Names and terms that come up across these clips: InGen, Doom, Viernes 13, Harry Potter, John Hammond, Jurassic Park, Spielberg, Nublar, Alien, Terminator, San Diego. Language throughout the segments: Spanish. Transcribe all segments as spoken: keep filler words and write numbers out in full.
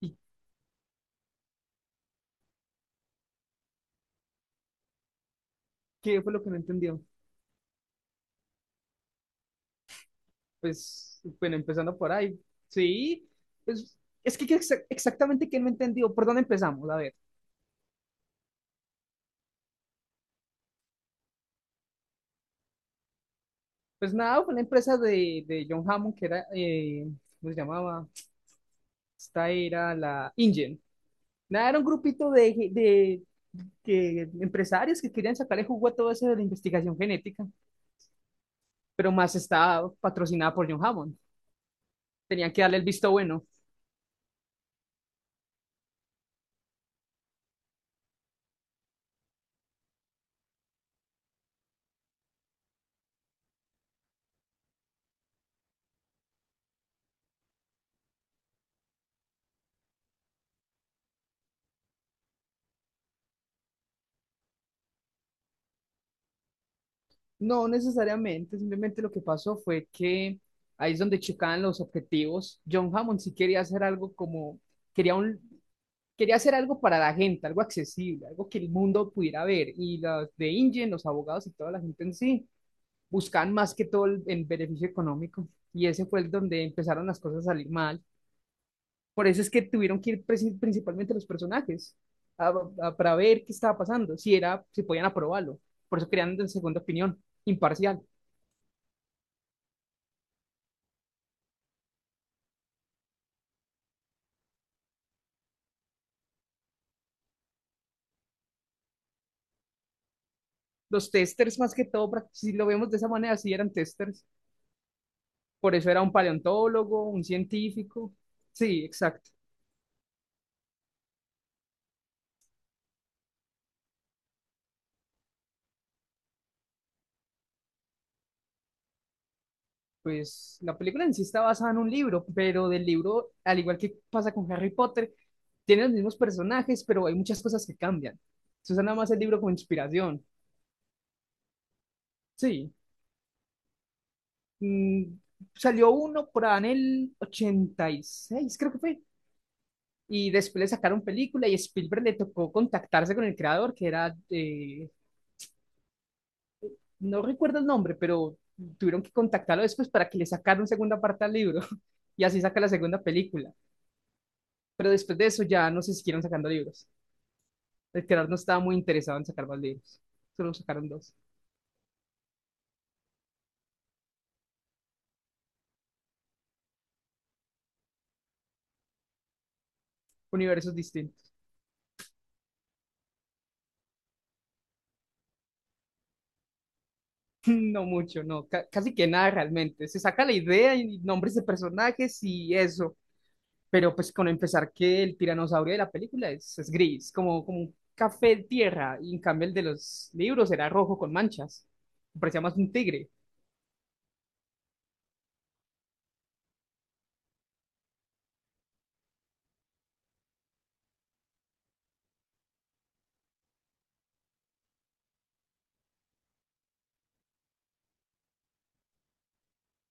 ¿Y qué fue lo que no entendió? Pues, bueno, empezando por ahí. Sí, pues, es que, ¿qué exa- exactamente qué no entendió? ¿Por dónde empezamos? A ver, pues nada, fue la empresa de, de John Hammond, que era, eh, ¿cómo se llamaba? Esta era la InGen. Nada, era un grupito de, ge- de que, empresarios que querían sacarle jugo a todo eso de la investigación genética, pero más estaba patrocinada por John Hammond. Tenían que darle el visto bueno. No necesariamente, simplemente lo que pasó fue que ahí es donde chocaban los objetivos. John Hammond sí quería hacer algo como, quería un, quería hacer algo para la gente, algo accesible, algo que el mundo pudiera ver. Y los de InGen, los abogados y toda la gente en sí, buscaban más que todo el, el beneficio económico. Y ese fue el donde empezaron las cosas a salir mal. Por eso es que tuvieron que ir presi- principalmente los personajes a- a- para ver qué estaba pasando, si era, si podían aprobarlo. Por eso crearon de segunda opinión, imparcial. Los testers más que todo, si lo vemos de esa manera, sí eran testers. Por eso era un paleontólogo, un científico. Sí, exacto. Pues la película en sí está basada en un libro, pero del libro, al igual que pasa con Harry Potter, tiene los mismos personajes, pero hay muchas cosas que cambian. Se usa nada más el libro como inspiración. Sí. Mm, Salió uno por ahí en el ochenta y seis, creo que fue. Y después le sacaron película y Spielberg le tocó contactarse con el creador, que era, eh, no recuerdo el nombre, pero tuvieron que contactarlo después para que le sacaran segunda parte al libro y así saca la segunda película. Pero después de eso ya no se siguieron sacando libros. El creador no estaba muy interesado en sacar más libros, solo sacaron dos, universos distintos. No mucho, no, ca- casi que nada realmente. Se saca la idea y nombres de personajes y eso, pero pues con empezar que el tiranosaurio de la película es, es gris, como, como un café de tierra, y en cambio el de los libros era rojo con manchas, parecía más un tigre.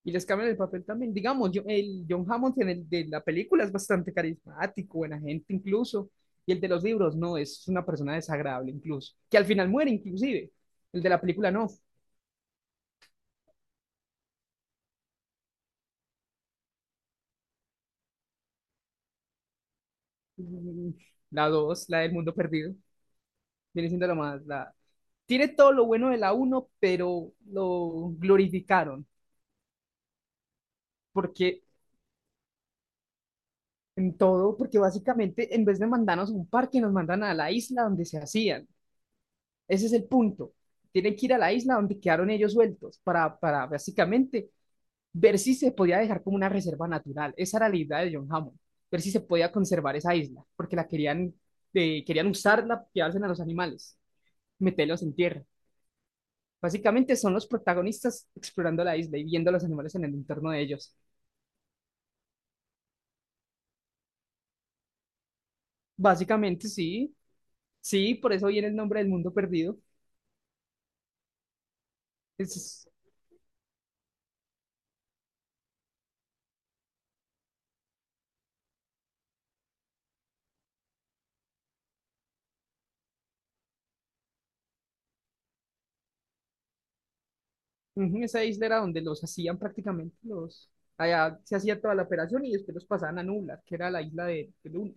Y les cambian el papel también. Digamos, yo, el John Hammond en el de la película es bastante carismático, buena gente incluso. Y el de los libros, no, es una persona desagradable incluso. Que al final muere inclusive. El de la película, no. Mm, La dos, la del mundo perdido, viene siendo la más. La... Tiene todo lo bueno de la uno pero lo glorificaron. Porque en todo, porque básicamente en vez de mandarnos a un parque, nos mandan a la isla donde se hacían. Ese es el punto. Tienen que ir a la isla donde quedaron ellos sueltos para, para, básicamente ver si se podía dejar como una reserva natural. Esa era la idea de John Hammond, ver si se podía conservar esa isla, porque la querían, eh, querían usarla, quedarse a los animales, meterlos en tierra. Básicamente son los protagonistas explorando la isla y viendo a los animales en el entorno de ellos. Básicamente sí, sí, por eso viene el nombre del mundo perdido. Es, Ujú. Esa isla era donde los hacían prácticamente los... Allá se hacía toda la operación y después los pasaban a Nublar, que era la isla de, de Luna.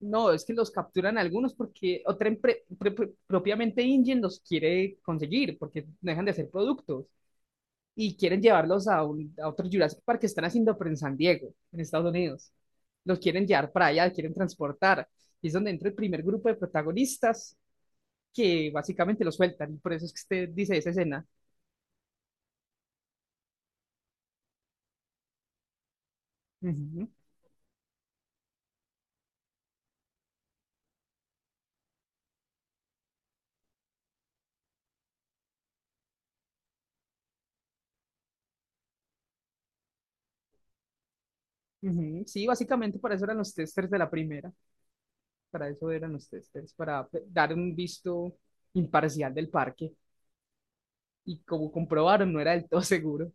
No, es que los capturan algunos porque otra empre- pre- pre- propiamente Ingen los quiere conseguir porque no dejan de hacer productos y quieren llevarlos a, un- a otro Jurassic Park que están haciendo, pero en San Diego, en Estados Unidos. Los quieren llevar para allá, quieren transportar. Y es donde entra el primer grupo de protagonistas que básicamente los sueltan y por eso es que usted dice esa escena. Ujú. Ujú, sí, básicamente para eso eran los testers de la primera, para eso eran los testers, para pe- dar un visto imparcial del parque. Y como comprobaron, no era del todo seguro.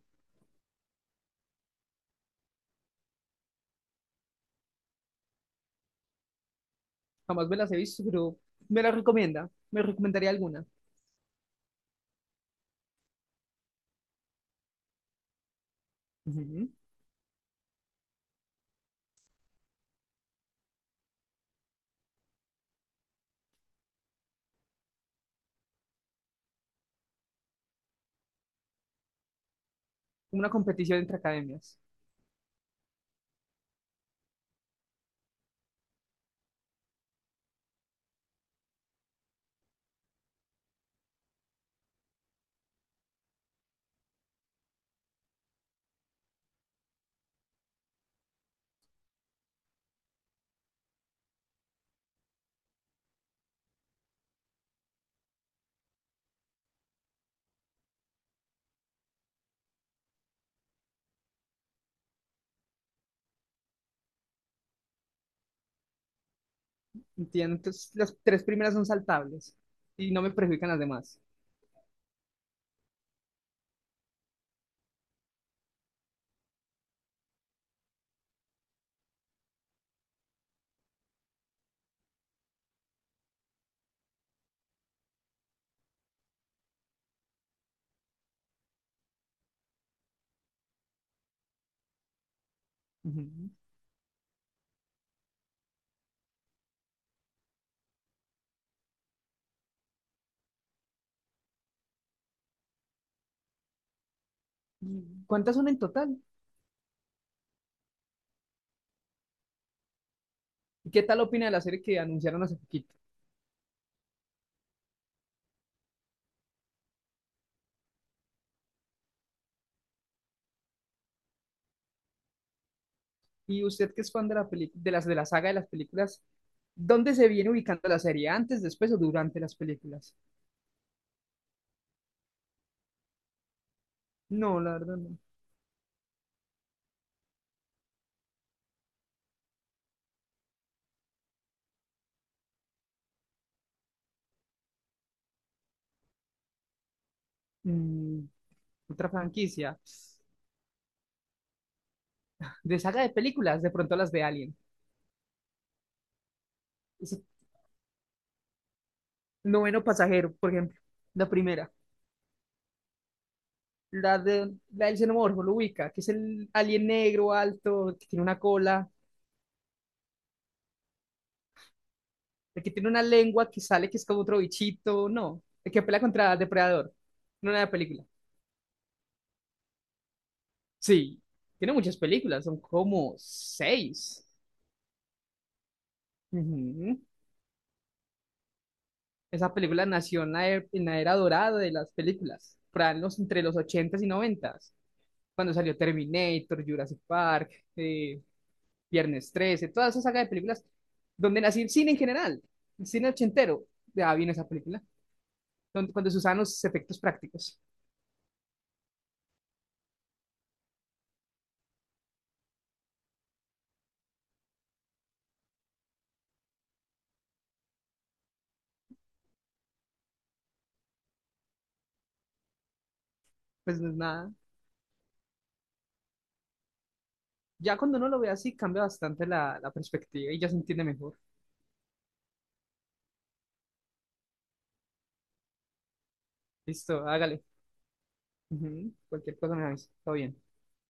Jamás me las he visto, pero me las recomienda, me recomendaría alguna. Ujú. Una competición entre academias. Entiendo, entonces las tres primeras son saltables y no me perjudican las demás. Ujú. ¿Y cuántas son en total? ¿Y qué tal opina de la serie que anunciaron hace poquito? Y usted que es fan de la peli- de las de la saga de las películas, ¿dónde se viene ubicando la serie? ¿Antes, después o durante las películas? No, la verdad no. Mm, Otra franquicia. De saga de películas, de pronto las de Alien. Ese noveno pasajero, por ejemplo. La primera. La de la del xenomorfo lo ubica, que es el alien negro alto, que tiene una cola, el que tiene una lengua que sale que es como otro bichito, no, el que pelea contra depredador, no una película. Sí, tiene muchas películas, son como seis. Ujú. Esa película nació en la, e- en la era dorada de las películas, por ahí en los, entre los ochentas y noventas, cuando salió Terminator, Jurassic Park, eh, Viernes trece, toda esa saga de películas, donde nació el cine en general, el cine ochentero, ya viene esa película, donde, cuando se usan los efectos prácticos, pues no es nada. Ya cuando uno lo ve así, cambia bastante la, la perspectiva y ya se entiende mejor. Listo, hágale. Ujú. Cualquier cosa me avisa, todo bien.